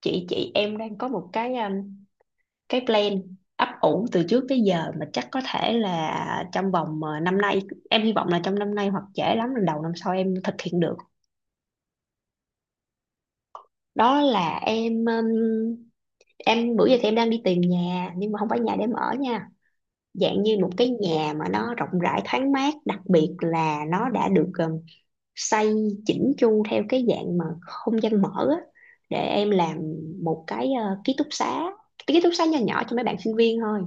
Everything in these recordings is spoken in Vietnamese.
Chị em đang có một cái plan ấp ủ từ trước tới giờ, mà chắc có thể là trong vòng năm nay. Em hy vọng là trong năm nay hoặc trễ lắm là đầu năm sau em thực hiện được. Đó là em bữa giờ thì em đang đi tìm nhà, nhưng mà không phải nhà để em ở nha, dạng như một cái nhà mà nó rộng rãi thoáng mát, đặc biệt là nó đã được xây chỉnh chu theo cái dạng mà không gian mở á, để em làm một cái ký túc xá, cái ký túc xá nhỏ nhỏ cho mấy bạn sinh viên thôi.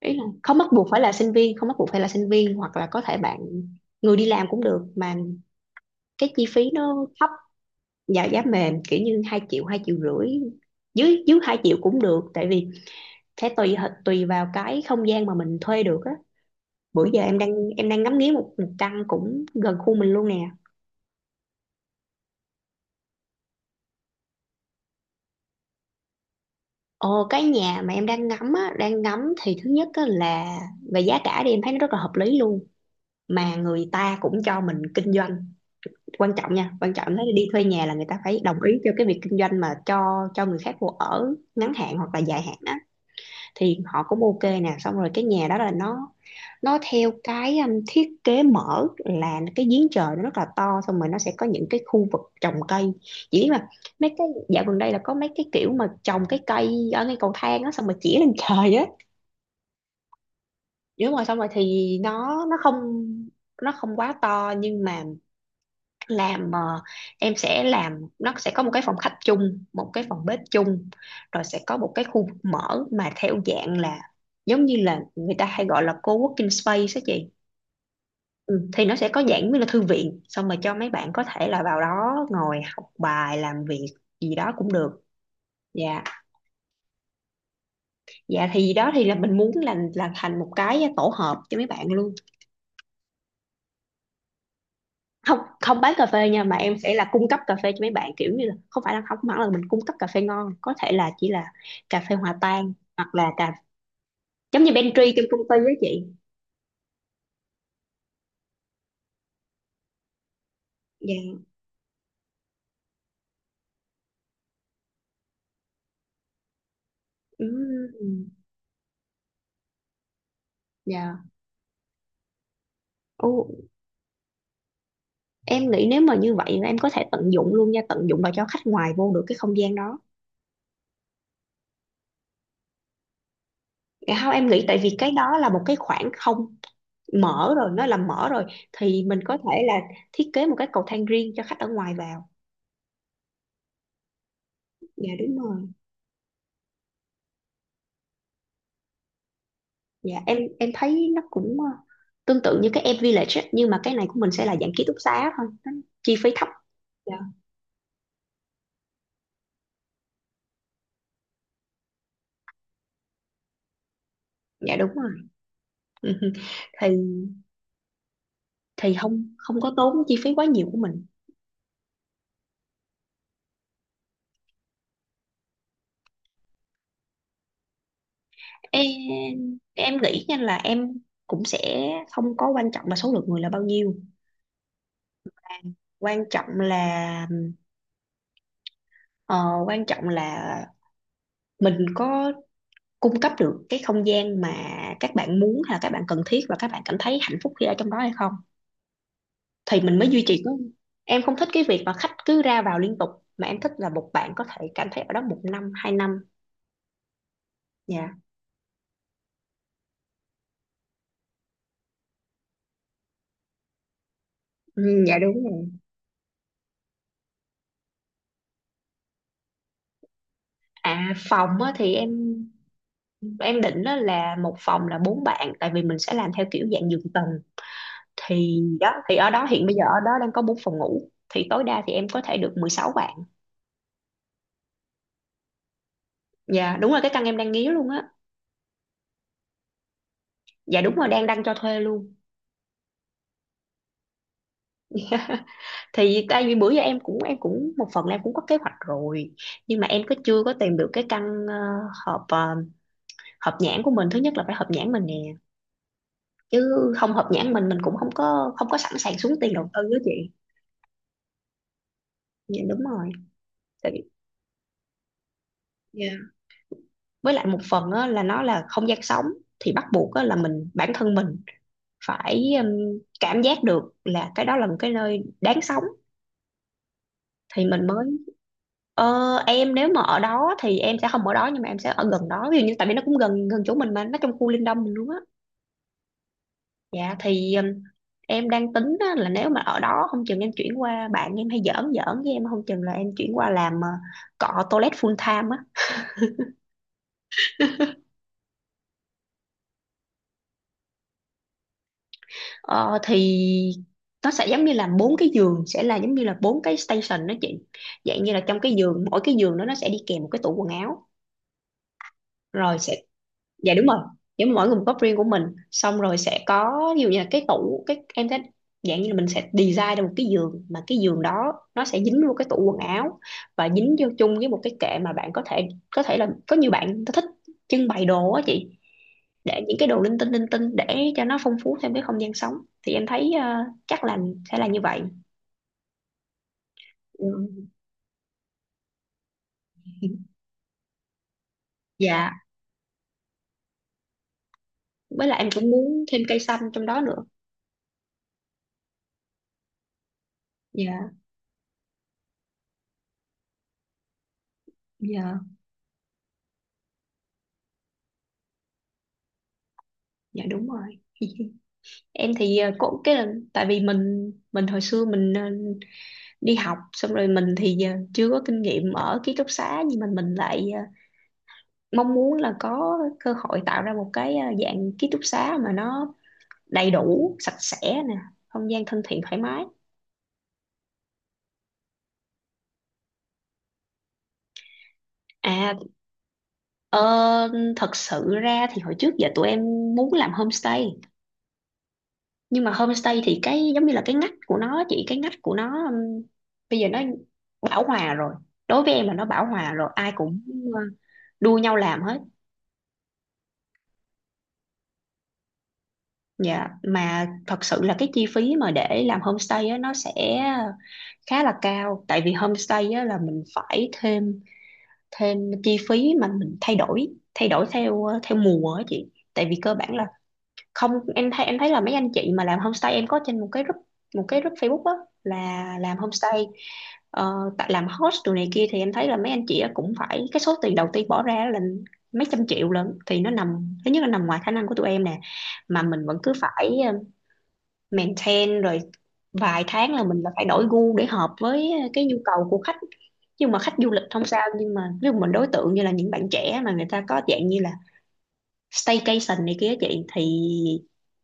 Ý là không bắt buộc phải là sinh viên, không bắt buộc phải là sinh viên, hoặc là có thể bạn người đi làm cũng được, mà cái chi phí nó thấp và giá mềm, kiểu như 2 triệu, 2,5 triệu, dưới dưới 2 triệu cũng được, tại vì sẽ tùy vào cái không gian mà mình thuê được á. Bữa giờ em đang ngắm nghía một căn cũng gần khu mình luôn nè. Ồ, cái nhà mà em đang ngắm á, đang ngắm thì thứ nhất á là về giá cả thì em thấy nó rất là hợp lý luôn, mà người ta cũng cho mình kinh doanh. Quan trọng nha, quan trọng, nếu đi thuê nhà là người ta phải đồng ý cho cái việc kinh doanh mà cho người khác vô ở ngắn hạn hoặc là dài hạn á, thì họ cũng ok nè. Xong rồi cái nhà đó là nó theo cái thiết kế mở, là cái giếng trời nó rất là to, xong rồi nó sẽ có những cái khu vực trồng cây. Chỉ biết mà, mấy cái dạo gần đây là có mấy cái kiểu mà trồng cái cây ở ngay cầu thang á, xong rồi chỉ lên trời á. Đúng rồi, xong rồi thì nó không quá to, nhưng mà làm ờ, em sẽ làm nó sẽ có một cái phòng khách chung, một cái phòng bếp chung, rồi sẽ có một cái khu vực mở mà theo dạng là giống như là người ta hay gọi là co-working space đó chị. Ừ, thì nó sẽ có dạng như là thư viện, xong rồi cho mấy bạn có thể là vào đó ngồi học bài, làm việc gì đó cũng được. Dạ, dạ, thì đó thì là mình muốn là thành một cái tổ hợp cho mấy bạn luôn. Không, không bán cà phê nha, mà em sẽ là cung cấp cà phê cho mấy bạn, kiểu như là không phải là, không hẳn là mình cung cấp cà phê ngon, có thể là chỉ là cà phê hòa tan, hoặc là giống như pantry trong công ty với chị. Dạ. Ừm. Dạ. Ồ, em nghĩ nếu mà như vậy là em có thể tận dụng luôn nha, tận dụng và cho khách ngoài vô được cái không gian đó. Dạ không, em nghĩ tại vì cái đó là một cái khoảng không mở rồi, nó là mở rồi, thì mình có thể là thiết kế một cái cầu thang riêng cho khách ở ngoài vào. Dạ đúng rồi. Dạ, em thấy nó cũng tương tự như cái Ant Village á, nhưng mà cái này của mình sẽ là dạng ký túc xá thôi, nó chi phí thấp. Dạ, dạ đúng rồi. Thì thì không, không có tốn chi phí quá nhiều của mình. Em em nghĩ nha là em cũng sẽ không có quan trọng là số lượng người là bao nhiêu, quan trọng là, ờ, quan trọng là mình có cung cấp được cái không gian mà các bạn muốn, hay là các bạn cần thiết, và các bạn cảm thấy hạnh phúc khi ở trong đó hay không, thì mình mới duy trì có. Em không thích cái việc mà khách cứ ra vào liên tục, mà em thích là một bạn có thể cảm thấy ở đó một năm, 2 năm. Dạ. Ừ, dạ đúng rồi. À, phòng á, thì em định đó là một phòng là bốn bạn, tại vì mình sẽ làm theo kiểu dạng giường tầng. Thì đó thì ở đó hiện bây giờ ở đó đang có bốn phòng ngủ, thì tối đa thì em có thể được 16 bạn. Dạ đúng rồi, cái căn em đang nghía luôn á. Dạ đúng rồi, đang đăng cho thuê luôn. Thì tại vì bữa giờ em cũng một phần là em cũng có kế hoạch rồi, nhưng mà em chưa có tìm được cái căn ờ, hợp ờ, hợp nhãn của mình. Thứ nhất là phải hợp nhãn mình nè, chứ không hợp nhãn mình cũng không có sẵn sàng xuống tiền đầu tư đó chị. Dạ đúng rồi. Tại vì, dạ, với lại một phần á, là nó là không gian sống, thì bắt buộc á, là mình bản thân mình phải cảm giác được là cái đó là một cái nơi đáng sống, thì mình mới. Em nếu mà ở đó thì em sẽ không ở đó, nhưng mà em sẽ ở gần đó, ví dụ như, tại vì nó cũng gần gần chỗ mình, mà nó trong khu Linh Đông mình luôn á. Dạ, thì em đang tính á, là nếu mà ở đó không chừng em chuyển qua, bạn em hay giỡn giỡn với em không chừng là em chuyển qua làm cọ toilet full time á. Ờ, thì nó sẽ giống như là bốn cái giường sẽ là giống như là bốn cái station đó chị. Dạng như là trong cái giường, mỗi cái giường đó nó sẽ đi kèm một cái tủ quần áo. Rồi sẽ Dạ đúng rồi, nếu mà mỗi người một góc riêng của mình, xong rồi sẽ có ví dụ như là cái tủ, cái em thấy dạng như là mình sẽ design ra một cái giường, mà cái giường đó nó sẽ dính vô cái tủ quần áo, và dính vô chung với một cái kệ, mà bạn có thể là có nhiều bạn thích trưng bày đồ á chị, để những cái đồ linh tinh để cho nó phong phú thêm cái không gian sống. Thì em thấy chắc là sẽ là như vậy. Ừ, dạ, với lại em cũng muốn thêm cây xanh trong đó nữa. Dạ. Dạ. Dạ đúng rồi. Em thì cũng cái là tại vì mình hồi xưa mình đi học, xong rồi mình thì chưa có kinh nghiệm ở ký túc xá, nhưng mà mình lại mong muốn là có cơ hội tạo ra một cái dạng ký túc xá mà nó đầy đủ, sạch sẽ nè, không gian thân thiện, thoải mái. À, ờ, thật sự ra thì hồi trước giờ tụi em muốn làm homestay, nhưng mà homestay thì cái giống như là cái ngách của nó chị, cái ngách của nó bây giờ nó bão hòa rồi, đối với em là nó bão hòa rồi, ai cũng ờ, đua nhau làm hết. Dạ, mà thật sự là cái chi phí mà để làm homestay á, nó sẽ khá là cao, tại vì homestay á, là mình phải thêm thêm chi phí, mà mình thay đổi theo theo mùa á chị. Tại vì cơ bản là không, em thấy là mấy anh chị mà làm homestay, em có trên một cái group Facebook á là làm homestay, ờ, tại làm host đồ này kia, thì em thấy là mấy anh chị á cũng phải, cái số tiền đầu tiên bỏ ra là mấy trăm triệu lận, thì nó nằm thứ nhất là nằm ngoài khả năng của tụi em nè, mà mình vẫn cứ phải maintain, rồi vài tháng là mình là phải đổi gu để hợp với cái nhu cầu của khách. Nhưng mà khách du lịch không sao, nhưng mà ví dụ mình đối tượng như là những bạn trẻ mà người ta có dạng như là staycation này kia chị, thì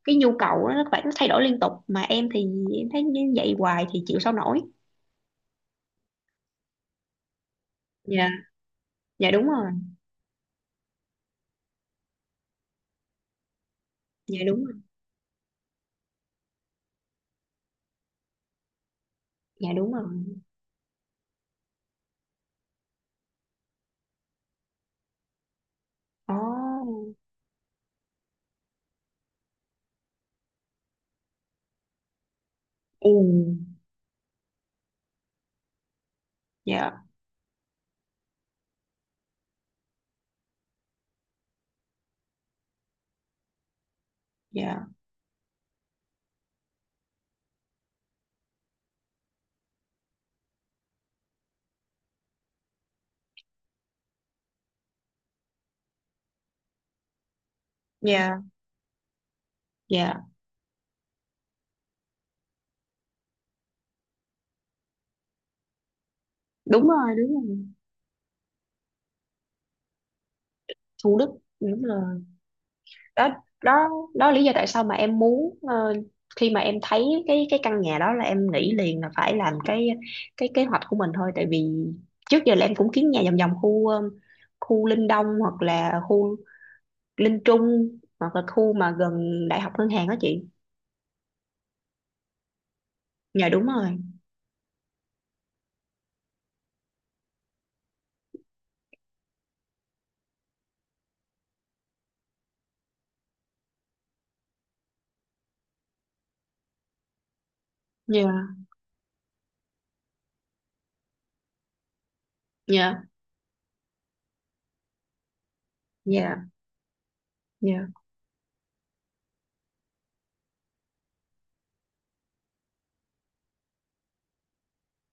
cái nhu cầu đó, nó phải nó thay đổi liên tục, mà em thì em thấy như vậy hoài thì chịu sao nổi. Dạ. Dạ đúng rồi. Dạ đúng rồi. Dạ đúng rồi. Oh. Ừ. Dạ. Dạ. Dạ. Dạ đúng rồi, đúng rồi. Thủ Đức. Đúng rồi. Đó, đó, đó là lý do tại sao mà em muốn, khi mà em thấy cái căn nhà đó là em nghĩ liền là phải làm cái kế hoạch của mình thôi. Tại vì trước giờ là em cũng kiếm nhà vòng vòng khu Linh Đông, hoặc là khu Linh Trung, hoặc là khu mà gần Đại học Ngân hàng đó chị. Dạ đúng rồi. Dạ. Dạ. Dạ. Dạ.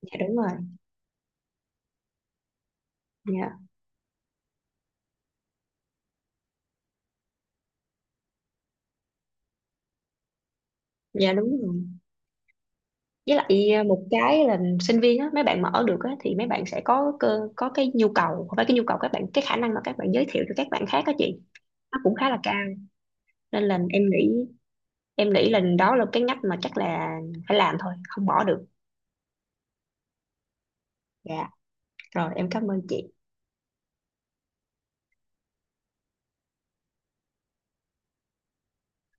Dạ đúng rồi. Dạ. Dạ đúng rồi. Với lại à, một cái là sinh viên á, mấy bạn mở được á, thì mấy bạn sẽ có cái nhu cầu, không phải cái nhu cầu, các bạn cái khả năng mà các bạn giới thiệu cho các bạn khác á chị, nó cũng khá là cao. Nên là em nghĩ là đó là cái ngách mà chắc là phải làm thôi, không bỏ được. Dạ, rồi em cảm ơn chị.